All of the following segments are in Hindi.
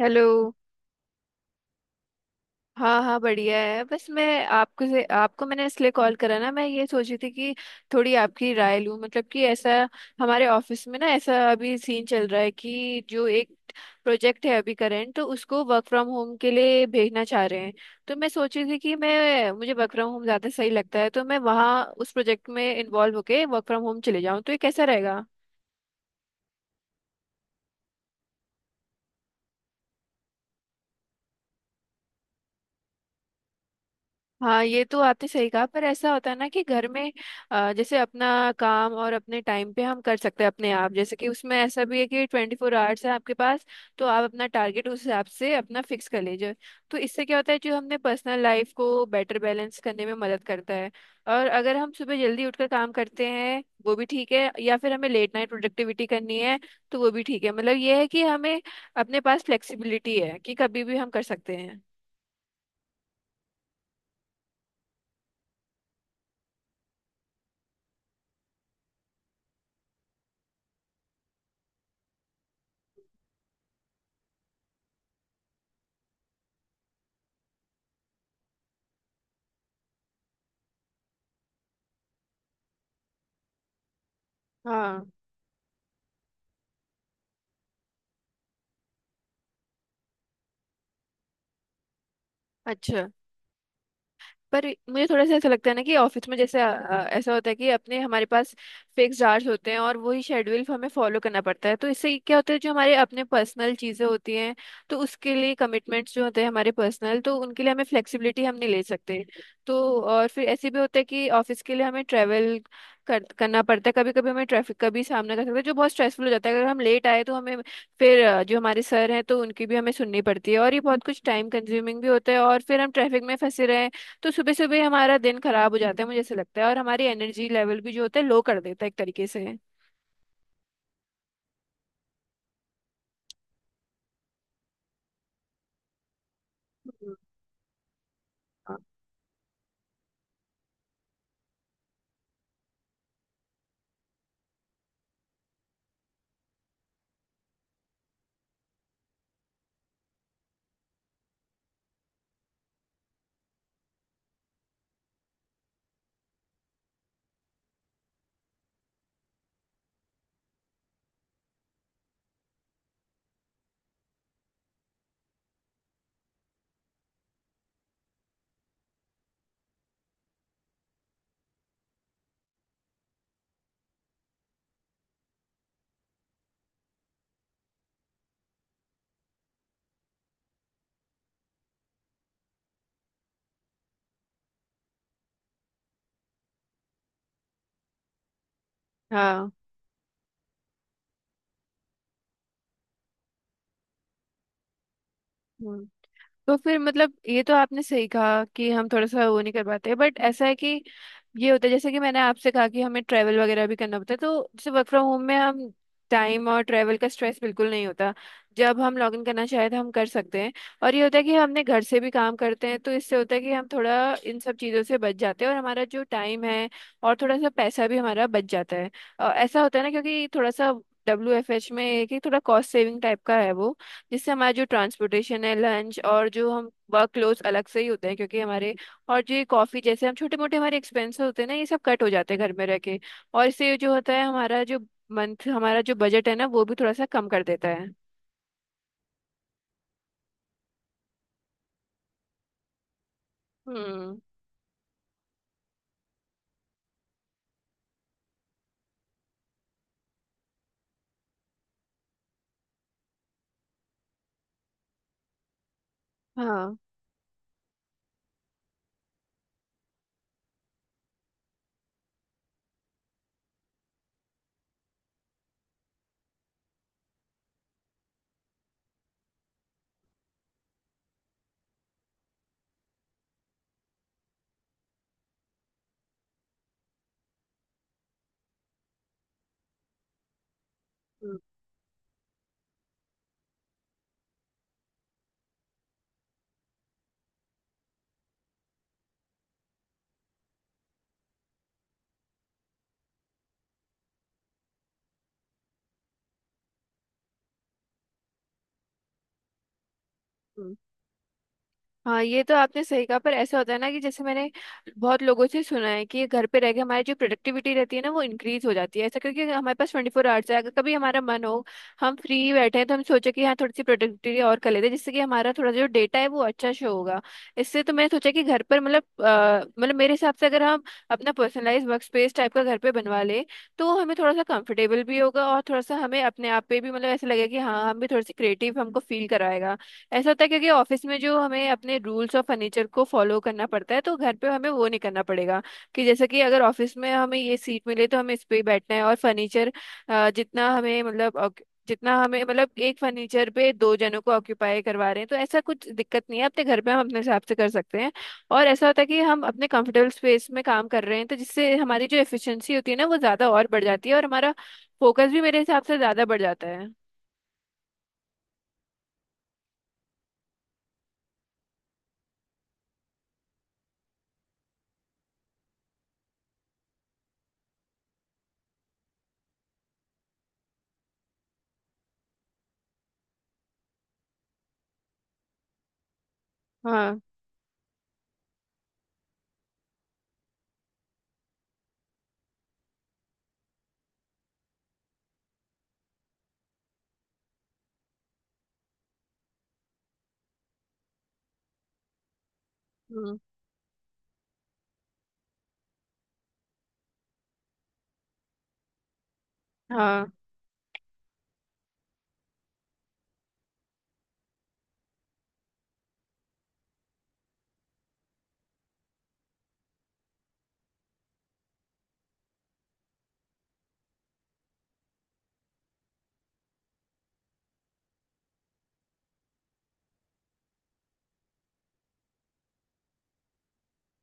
हेलो। हाँ हाँ बढ़िया है। बस मैं आपको मैंने इसलिए कॉल करा ना, मैं ये सोची थी कि थोड़ी आपकी राय लूँ। मतलब कि ऐसा हमारे ऑफिस में ना, ऐसा अभी सीन चल रहा है कि जो एक प्रोजेक्ट है अभी करंट, तो उसको वर्क फ्रॉम होम के लिए भेजना चाह रहे हैं। तो मैं सोची थी कि मैं मुझे वर्क फ्रॉम होम ज़्यादा सही लगता है, तो मैं वहाँ उस प्रोजेक्ट में इन्वॉल्व होके वर्क फ्रॉम होम चले जाऊँ, तो ये कैसा रहेगा? हाँ, ये तो आपने सही कहा, पर ऐसा होता है ना कि घर में जैसे अपना काम और अपने टाइम पे हम कर सकते हैं अपने आप। जैसे कि उसमें ऐसा भी है कि 24 आवर्स है आपके पास, तो आप अपना टारगेट उस हिसाब से अपना फिक्स कर लीजिए। तो इससे क्या होता है, जो हमने पर्सनल लाइफ को बेटर बैलेंस करने में मदद करता है। और अगर हम सुबह जल्दी उठकर काम करते हैं वो भी ठीक है, या फिर हमें लेट नाइट प्रोडक्टिविटी करनी है तो वो भी ठीक है। मतलब ये है कि हमें अपने पास फ्लेक्सिबिलिटी है कि कभी भी हम कर सकते हैं। हाँ। अच्छा। पर मुझे थोड़ा सा ऐसा लगता है ना कि ऑफिस में जैसे ऐसा होता है कि अपने हमारे पास फिक्स आवर्स होते हैं और वही शेड्यूल हमें फॉलो करना पड़ता है। तो इससे क्या होता है, जो हमारे अपने पर्सनल चीज़ें होती हैं तो उसके लिए कमिटमेंट्स जो होते हैं हमारे पर्सनल, तो उनके लिए हमें फ्लेक्सिबिलिटी हम नहीं ले सकते। तो और फिर ऐसे भी होता है कि ऑफिस के लिए हमें ट्रैवल करना पड़ता है। कभी कभी हमें ट्रैफिक का भी सामना कर सकते हैं जो बहुत स्ट्रेसफुल हो जाता है अगर हम लेट आए, तो हमें फिर जो हमारे सर हैं तो उनकी भी हमें सुननी पड़ती है, और ये बहुत कुछ टाइम कंज्यूमिंग भी होता है। और फिर हम ट्रैफिक में फंसे रहे, तो सुबह सुबह हमारा दिन खराब हो जाता है, मुझे ऐसा लगता है। और हमारी एनर्जी लेवल भी जो होता है लो कर देता है एक तरीके से। हम्म, हाँ। हाँ। हम्म। तो फिर मतलब ये तो आपने सही कहा कि हम थोड़ा सा वो नहीं कर पाते, बट ऐसा है कि ये होता है जैसे कि मैंने आपसे कहा कि हमें ट्रैवल वगैरह भी करना होता है। तो जैसे वर्क फ्रॉम होम में हम टाइम और ट्रैवल का स्ट्रेस बिल्कुल नहीं होता। जब हम लॉग इन करना चाहे तो हम कर सकते हैं। और ये होता है कि हमने घर से भी काम करते हैं तो इससे होता है कि हम थोड़ा इन सब चीज़ों से बच जाते हैं, और हमारा जो टाइम है और थोड़ा सा पैसा भी हमारा बच जाता है। ऐसा होता है ना क्योंकि थोड़ा सा WFH में एक ही थोड़ा कॉस्ट सेविंग टाइप का है, वो जिससे हमारा जो ट्रांसपोर्टेशन है, लंच, और जो हम वर्क क्लोथ अलग से ही होते हैं क्योंकि हमारे, और जो ये कॉफ़ी जैसे हम छोटे मोटे हमारे एक्सपेंसेस होते हैं ना, ये सब कट हो जाते हैं घर में रह के। और इससे जो होता है हमारा जो मंथ, हमारा जो बजट है ना, वो भी थोड़ा सा कम कर देता है। हम्म। हाँ। हम्म। हम्म। हाँ, ये तो आपने सही कहा पर ऐसा होता है ना कि जैसे मैंने बहुत लोगों से सुना है कि घर पे रह के हमारी जो प्रोडक्टिविटी रहती है ना वो इंक्रीज हो जाती है। ऐसा करके हमारे पास 24 आवर्स है, अगर कभी हमारा मन हो हम फ्री बैठे हैं, तो हम सोचे कि हाँ थोड़ी सी प्रोडक्टिविटी और कर लेते हैं, जिससे कि हमारा थोड़ा जो डेटा है वो अच्छा शो होगा। इससे तो मैंने सोचा कि घर पर मतलब मतलब मेरे हिसाब से अगर हम अपना पर्सनलाइज वर्क स्पेस टाइप का घर पे बनवा ले, तो हमें थोड़ा सा कंफर्टेबल भी होगा और थोड़ा सा हमें अपने आप पे भी मतलब ऐसा लगेगा कि हाँ हम भी थोड़ी सी क्रिएटिव, हमको फील कराएगा। ऐसा होता है क्योंकि ऑफिस में जो हमें अपने रूल्स और फर्नीचर को फॉलो करना पड़ता है तो घर पे हमें वो नहीं करना पड़ेगा। कि जैसे कि अगर ऑफिस में हमें ये सीट मिले तो हमें इस पे ही बैठना है, और फर्नीचर जितना हमें मतलब जितना हमें मतलब एक फर्नीचर पे दो जनों को ऑक्यूपाई करवा रहे हैं, तो ऐसा कुछ दिक्कत नहीं है अपने घर पे हम अपने हिसाब से कर सकते हैं। और ऐसा होता है कि हम अपने कंफर्टेबल स्पेस में काम कर रहे हैं, तो जिससे हमारी जो एफिशिएंसी होती है ना वो ज़्यादा और बढ़ जाती है और हमारा फोकस भी मेरे हिसाब से ज़्यादा बढ़ जाता है। हाँ। हम्म। हाँ,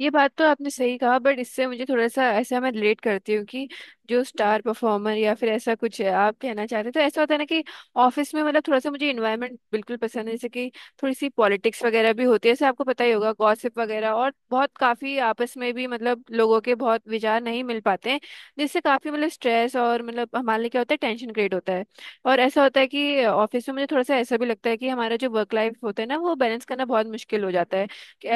ये बात तो आपने सही कहा, बट इससे मुझे थोड़ा सा ऐसा मैं रिलेट करती हूँ कि जो स्टार परफॉर्मर या फिर ऐसा कुछ है आप कहना चाहते हैं, तो ऐसा होता है ना कि ऑफिस में मतलब थोड़ा सा मुझे इन्वायरमेंट बिल्कुल पसंद है, जैसे कि थोड़ी सी पॉलिटिक्स वगैरह भी होती है, जैसे आपको पता ही होगा गॉसिप वगैरह, और बहुत काफी आपस में भी मतलब लोगों के बहुत विचार नहीं मिल पाते हैं, जिससे काफी मतलब स्ट्रेस और मतलब हमारे लिए क्या होता है टेंशन क्रिएट होता है। और ऐसा होता है कि ऑफिस में मुझे थोड़ा सा ऐसा भी लगता है कि हमारा जो वर्क लाइफ होता है ना वो बैलेंस करना बहुत मुश्किल हो जाता है।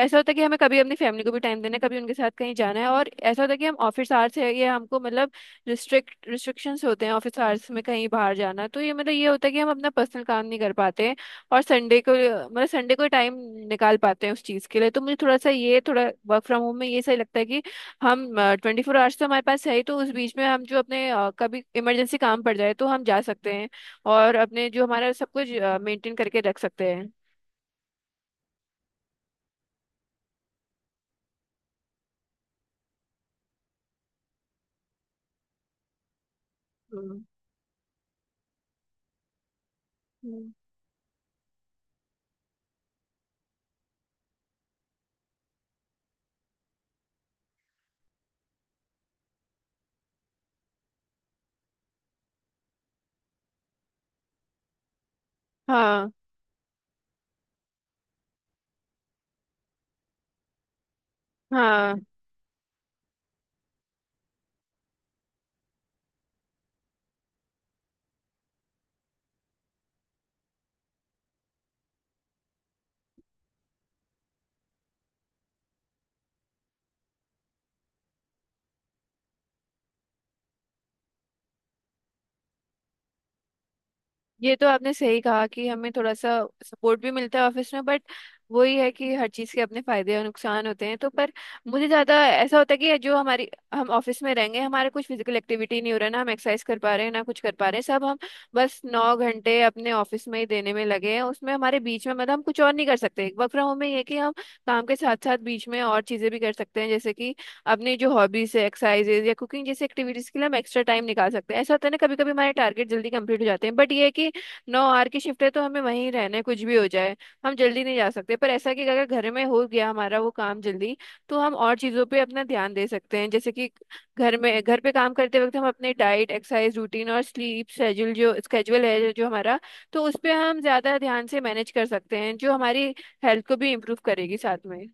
ऐसा होता है कि हमें कभी अपनी फैमिली को भी टाइम देना है, कभी उनके साथ कहीं जाना है, और ऐसा होता है कि हम ऑफिस आवर्स है, ये हमको मतलब रिस्ट्रिक्ट रिस्ट्रिक्शंस होते हैं ऑफिस आवर्स में कहीं बाहर जाना, तो ये मतलब ये होता है कि हम अपना पर्सनल काम नहीं कर पाते हैं। और संडे को मतलब संडे को टाइम निकाल पाते हैं उस चीज़ के लिए। तो मुझे थोड़ा सा ये थोड़ा वर्क फ्रॉम होम में ये सही लगता है कि हम 24 आवर्स तो हमारे पास है ही, तो उस बीच में हम जो अपने कभी इमरजेंसी काम पड़ जाए तो हम जा सकते हैं और अपने जो हमारा सब कुछ मेंटेन करके रख सकते हैं। हम्म। हम्म। हाँ। हाँ, ये तो आपने सही कहा कि हमें थोड़ा सा सपोर्ट भी मिलता है ऑफिस में, बट वही है कि हर चीज़ के अपने फायदे और नुकसान होते हैं। तो पर मुझे ज़्यादा ऐसा होता है कि जो हमारी, हम ऑफिस में रहेंगे हमारा कुछ फिजिकल एक्टिविटी नहीं हो रहा, ना हम एक्सरसाइज कर पा रहे हैं ना कुछ कर पा रहे हैं, सब हम बस 9 घंटे अपने ऑफिस में ही देने में लगे हैं, उसमें हमारे बीच में मतलब हम कुछ और नहीं कर सकते। वर्क फ्रॉम होम में ये है कि हम काम के साथ साथ बीच में और चीज़ें भी कर सकते हैं, जैसे कि अपनी जो हॉबीज है एक्सरसाइजेज या कुकिंग जैसी एक्टिविटीज़ के लिए हम एक्स्ट्रा टाइम निकाल सकते हैं। ऐसा होता है ना कभी कभी हमारे टारगेट जल्दी कंप्लीट हो जाते हैं, बट ये है कि 9 आर की शिफ्ट है तो हमें वहीं रहना है कुछ भी हो जाए, हम जल्दी नहीं जा सकते। पर ऐसा है कि अगर घर में हो गया हमारा वो काम जल्दी तो हम और चीज़ों पे अपना ध्यान दे सकते हैं। जैसे कि घर में, घर पे काम करते वक्त हम अपने डाइट एक्सरसाइज रूटीन और स्लीप शेड्यूल, जो स्केड्यूल है जो हमारा, तो उस पे हम ज़्यादा ध्यान से मैनेज कर सकते हैं, जो हमारी हेल्थ को भी इम्प्रूव करेगी साथ में।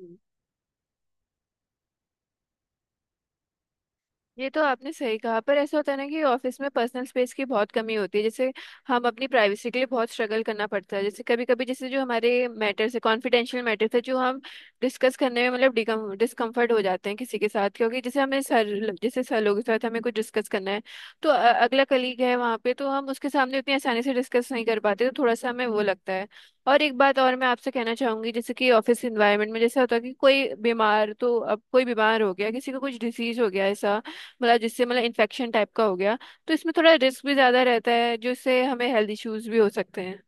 हम्म। ये तो आपने सही कहा पर ऐसा होता है ना कि ऑफिस में पर्सनल स्पेस की बहुत कमी होती है, जैसे हम अपनी प्राइवेसी के लिए बहुत स्ट्रगल करना पड़ता है। जैसे कभी कभी जैसे जो हमारे मैटर्स है, कॉन्फिडेंशियल मैटर्स है, जो हम डिस्कस करने में मतलब डिकम डिस्कम्फर्ट हो जाते हैं किसी के साथ, क्योंकि जैसे हमें सर, जैसे सर लोगों के साथ हमें कुछ डिस्कस करना है तो अगला कलीग है वहाँ पे, तो हम उसके सामने उतनी आसानी से डिस्कस नहीं कर पाते, तो थोड़ा सा हमें वो लगता है। और एक बात और मैं आपसे कहना चाहूंगी, जैसे कि ऑफिस इन्वायरमेंट में जैसा होता है कि कोई बीमार, तो अब कोई बीमार हो गया, किसी को कुछ डिसीज हो गया, ऐसा मतलब जिससे मतलब इन्फेक्शन टाइप का हो गया, तो इसमें थोड़ा रिस्क भी ज्यादा रहता है जिससे हमें हेल्थ इश्यूज भी हो सकते हैं।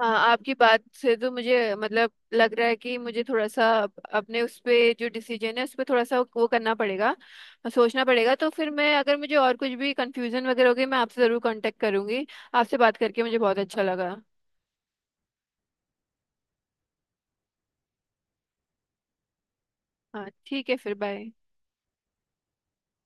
हाँ, आपकी बात से तो मुझे मतलब लग रहा है कि मुझे थोड़ा सा अपने उस पे जो डिसीजन है उस पे थोड़ा सा वो करना पड़ेगा, सोचना पड़ेगा। तो फिर मैं अगर मुझे और कुछ भी कंफ्यूजन वगैरह होगी मैं आपसे जरूर कांटेक्ट करूंगी। आपसे बात करके मुझे बहुत अच्छा लगा। हाँ ठीक है, फिर बाय।